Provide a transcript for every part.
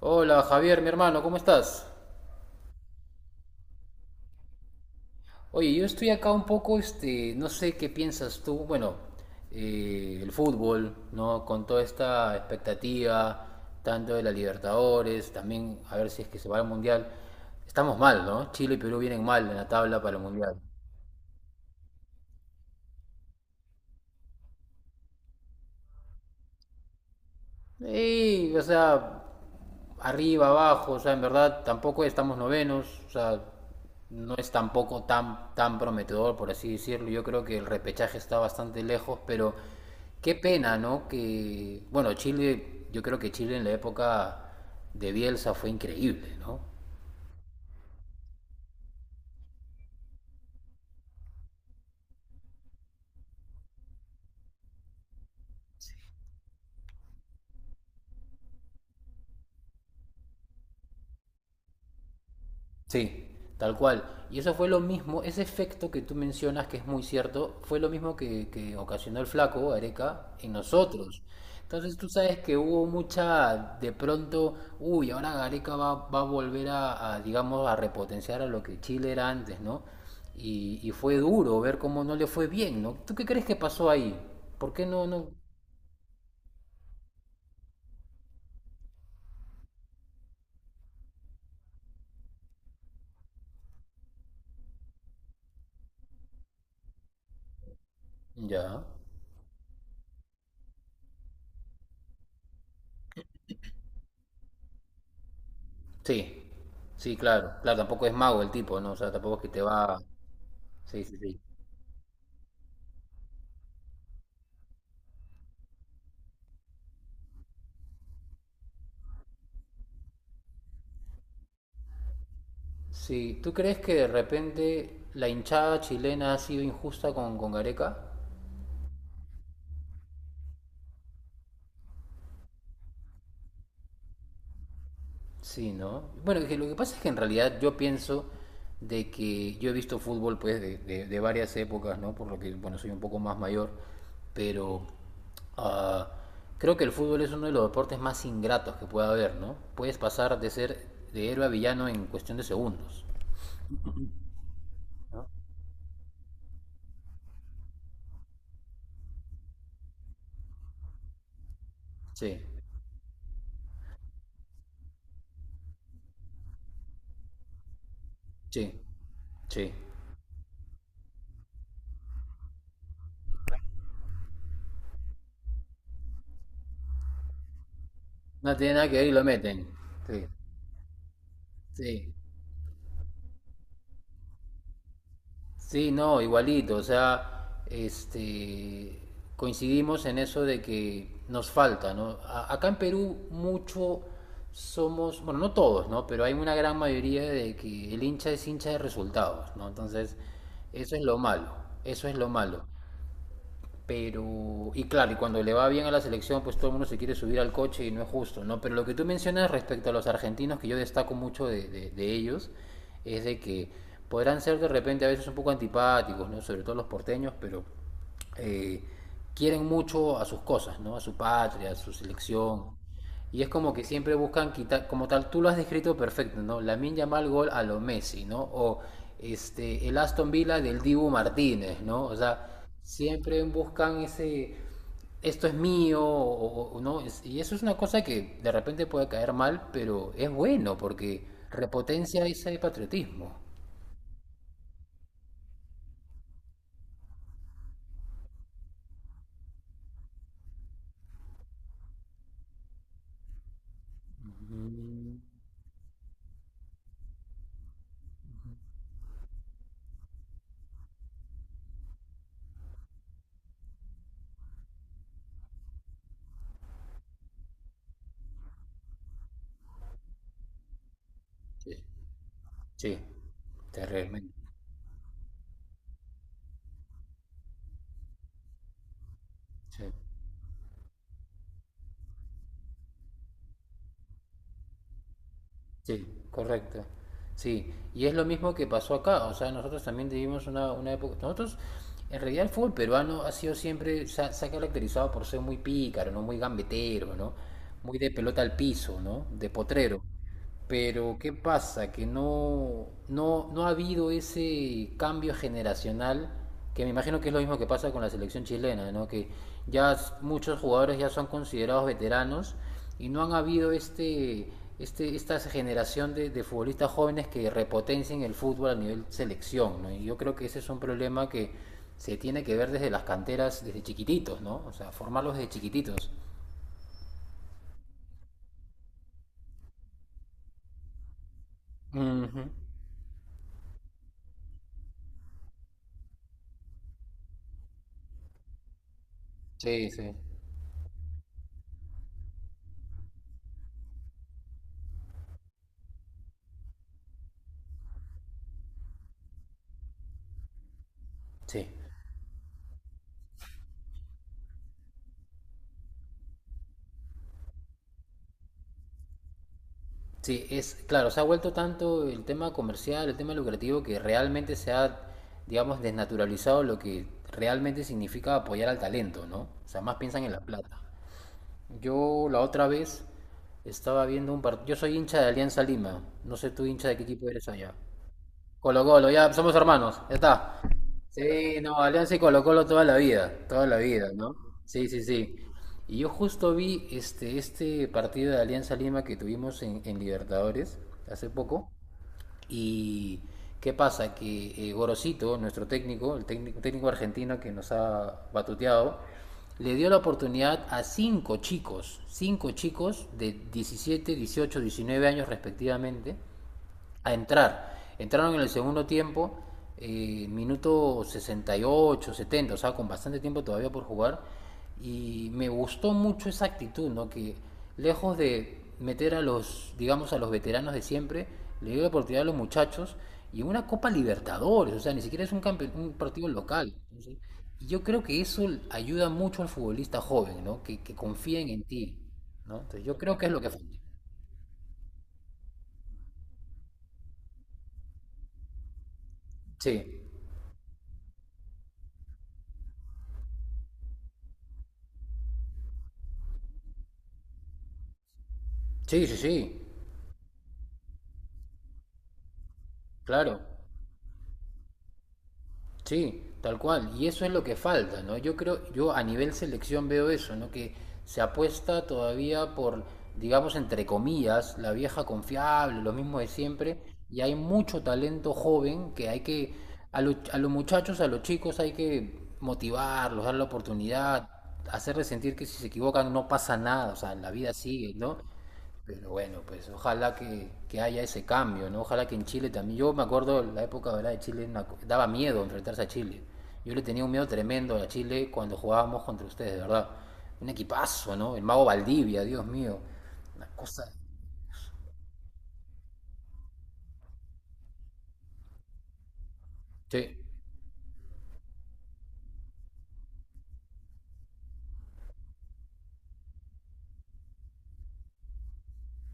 Hola Javier, mi hermano, ¿cómo estás? Oye, yo estoy acá un poco, no sé qué piensas tú, bueno, el fútbol, ¿no? Con toda esta expectativa, tanto de la Libertadores, también a ver si es que se va al Mundial. Estamos mal, ¿no? Chile y Perú vienen mal en la tabla para el Mundial. Sí, o sea, arriba, abajo, o sea, en verdad tampoco estamos novenos, o sea, no es tampoco tan prometedor, por así decirlo. Yo creo que el repechaje está bastante lejos, pero qué pena, ¿no? Que, bueno, Chile, yo creo que Chile en la época de Bielsa fue increíble, ¿no? Sí, tal cual. Y eso fue lo mismo, ese efecto que tú mencionas, que es muy cierto, fue lo mismo que ocasionó el flaco, Areca, en nosotros. Entonces tú sabes que hubo mucha, de pronto, uy, ahora Areca va a volver digamos, a repotenciar a lo que Chile era antes, ¿no? Y fue duro ver cómo no le fue bien, ¿no? ¿Tú qué crees que pasó ahí? ¿Por qué no? Ya. Sí, sí, claro. Claro, tampoco es mago el tipo, ¿no? O sea, tampoco es que te va... Sí, sí, sí. Sí, ¿tú crees que de repente la hinchada chilena ha sido injusta con Gareca? Sí, ¿no? Bueno, que lo que pasa es que en realidad yo pienso de que yo he visto fútbol pues de varias épocas, ¿no? Por lo que, bueno, soy un poco más mayor, pero ah, creo que el fútbol es uno de los deportes más ingratos que pueda haber, ¿no? Puedes pasar de ser de héroe a villano en cuestión de segundos. Sí, sí, sí. No tiene nada que ver y lo meten. Sí, sí. Sí, no, igualito, o sea, coincidimos en eso de que nos falta, ¿no? Acá en Perú mucho somos, bueno, no todos, ¿no? Pero hay una gran mayoría de que el hincha es hincha de resultados, ¿no? Entonces, eso es lo malo, eso es lo malo. Pero, y claro, y cuando le va bien a la selección, pues todo el mundo se quiere subir al coche y no es justo, ¿no? Pero lo que tú mencionas respecto a los argentinos, que yo destaco mucho de ellos, es de que podrán ser de repente a veces un poco antipáticos, ¿no? Sobre todo los porteños, pero eh, quieren mucho a sus cosas, ¿no? A su patria, a su selección. Y es como que siempre buscan quitar, como tal, tú lo has descrito perfecto, ¿no? Lamine Yamal gol a lo Messi, ¿no? O el Aston Villa del Dibu Martínez, ¿no? O sea, siempre buscan ese, esto es mío, ¿no? Es- Y eso es una cosa que de repente puede caer mal, pero es bueno porque repotencia ese patriotismo. Mm, sí, sí, terriblemente. Sí. Sí, correcto. Sí, y es lo mismo que pasó acá, o sea, nosotros también vivimos una época, nosotros, en realidad el fútbol peruano ha sido siempre, se ha caracterizado por ser muy pícaro, ¿no? Muy gambetero, ¿no? Muy de pelota al piso, ¿no? De potrero. Pero, ¿qué pasa? Que no ha habido ese cambio generacional, que me imagino que es lo mismo que pasa con la selección chilena, ¿no? Que ya muchos jugadores ya son considerados veteranos y no han habido esta generación de futbolistas jóvenes que repotencien el fútbol a nivel selección. ¿No? Y yo creo que ese es un problema que se tiene que ver desde las canteras, desde chiquititos, ¿no? O sea, formarlos desde chiquititos. Ujú. Sí, sí. Sí. Sí, es claro, se ha vuelto tanto el tema comercial, el tema lucrativo, que realmente se ha, digamos, desnaturalizado lo que realmente significa apoyar al talento, ¿no? O sea, más piensan en la plata. Yo la otra vez estaba viendo un partido. Yo soy hincha de Alianza Lima. No sé tú hincha de qué equipo eres allá. Colo Colo, ya somos hermanos, ya está. Sí, no, Alianza y Colo Colo toda la vida, ¿no? Sí, sí, sí. Y yo justo vi este partido de Alianza Lima que tuvimos en Libertadores hace poco. Y qué pasa, que Gorosito, nuestro técnico, el técnico, técnico argentino que nos ha batuteado, le dio la oportunidad a cinco chicos de 17, 18, 19 años respectivamente, a entrar. Entraron en el segundo tiempo, minuto 68, 70, o sea, con bastante tiempo todavía por jugar. Y me gustó mucho esa actitud, ¿no? Que lejos de meter a los, digamos, a los veteranos de siempre, le dio la oportunidad a los muchachos y una Copa Libertadores, o sea, ni siquiera es un, un partido local. Entonces, y yo creo que eso ayuda mucho al futbolista joven, ¿no? Que confíen en ti, ¿no? Entonces, yo creo que es lo que falta. Sí, sí, sí, sí, claro. Sí, tal cual. Y eso es lo que falta, ¿no? Yo creo, yo a nivel selección veo eso, ¿no? Que se apuesta todavía por, digamos, entre comillas, la vieja confiable, lo mismo de siempre. Y hay mucho talento joven que hay que, a los muchachos, a los chicos hay que motivarlos, dar la oportunidad, hacerles sentir que si se equivocan no pasa nada, o sea, la vida sigue, ¿no? Pero bueno, pues ojalá que haya ese cambio, ¿no? Ojalá que en Chile también. Yo me acuerdo la época ¿verdad? De Chile, una daba miedo enfrentarse a Chile. Yo le tenía un miedo tremendo a Chile cuando jugábamos contra ustedes, de verdad. Un equipazo, ¿no? El mago Valdivia, Dios mío. Una cosa. Sí.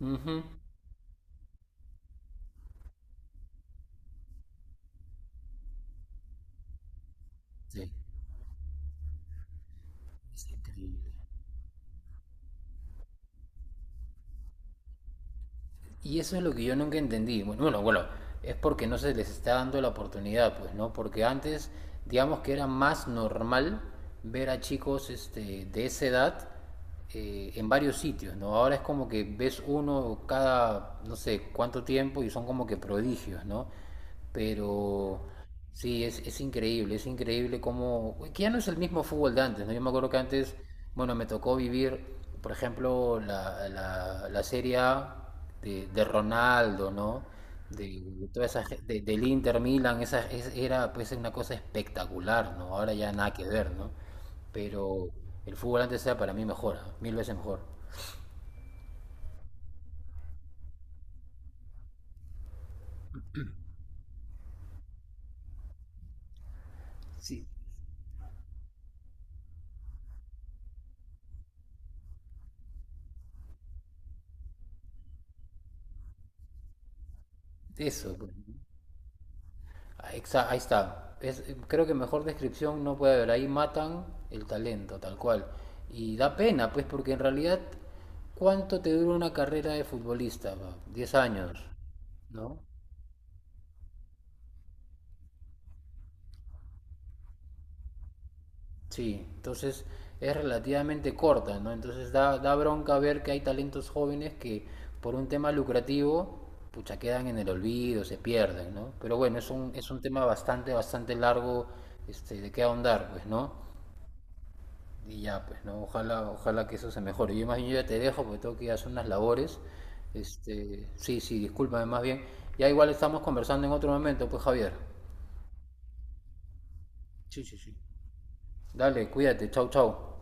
Ujú. Sí. Es increíble. Y eso es lo que yo nunca entendí. Bueno, bueno, bueno, es porque no se les está dando la oportunidad, pues, ¿no? Porque antes, digamos que era más normal ver a chicos de esa edad en varios sitios, ¿no? Ahora es como que ves uno cada, no sé, cuánto tiempo y son como que prodigios, ¿no? Pero sí, es increíble cómo... Que ya no es el mismo fútbol de antes, ¿no? Yo me acuerdo que antes, bueno, me tocó vivir, por ejemplo, la Serie A de Ronaldo, ¿no? De, de toda esa del Inter Milan, esa era pues una cosa espectacular, ¿no? Ahora ya nada que ver, ¿no? Pero el fútbol antes era para mí mejor, ¿ah? Mil veces mejor. Sí, eso, pues. Ahí está, ahí está. Creo que mejor descripción no puede haber. Ahí matan el talento, tal cual. Y da pena, pues, porque en realidad, ¿cuánto te dura una carrera de futbolista? ¿pa? 10 años, ¿no? Sí, entonces es relativamente corta, ¿no? Entonces da, da bronca ver que hay talentos jóvenes que por un tema lucrativo, pucha, quedan en el olvido, se pierden, ¿no? Pero bueno, es un tema bastante, bastante largo, de qué ahondar, pues, ¿no? Y ya, pues, ¿no? Ojalá, ojalá que eso se mejore. Yo más bien yo ya te dejo porque tengo que ir a hacer unas labores. Sí, sí, discúlpame más bien. Ya igual estamos conversando en otro momento, pues, Javier. Dale, cuídate, chau, chau.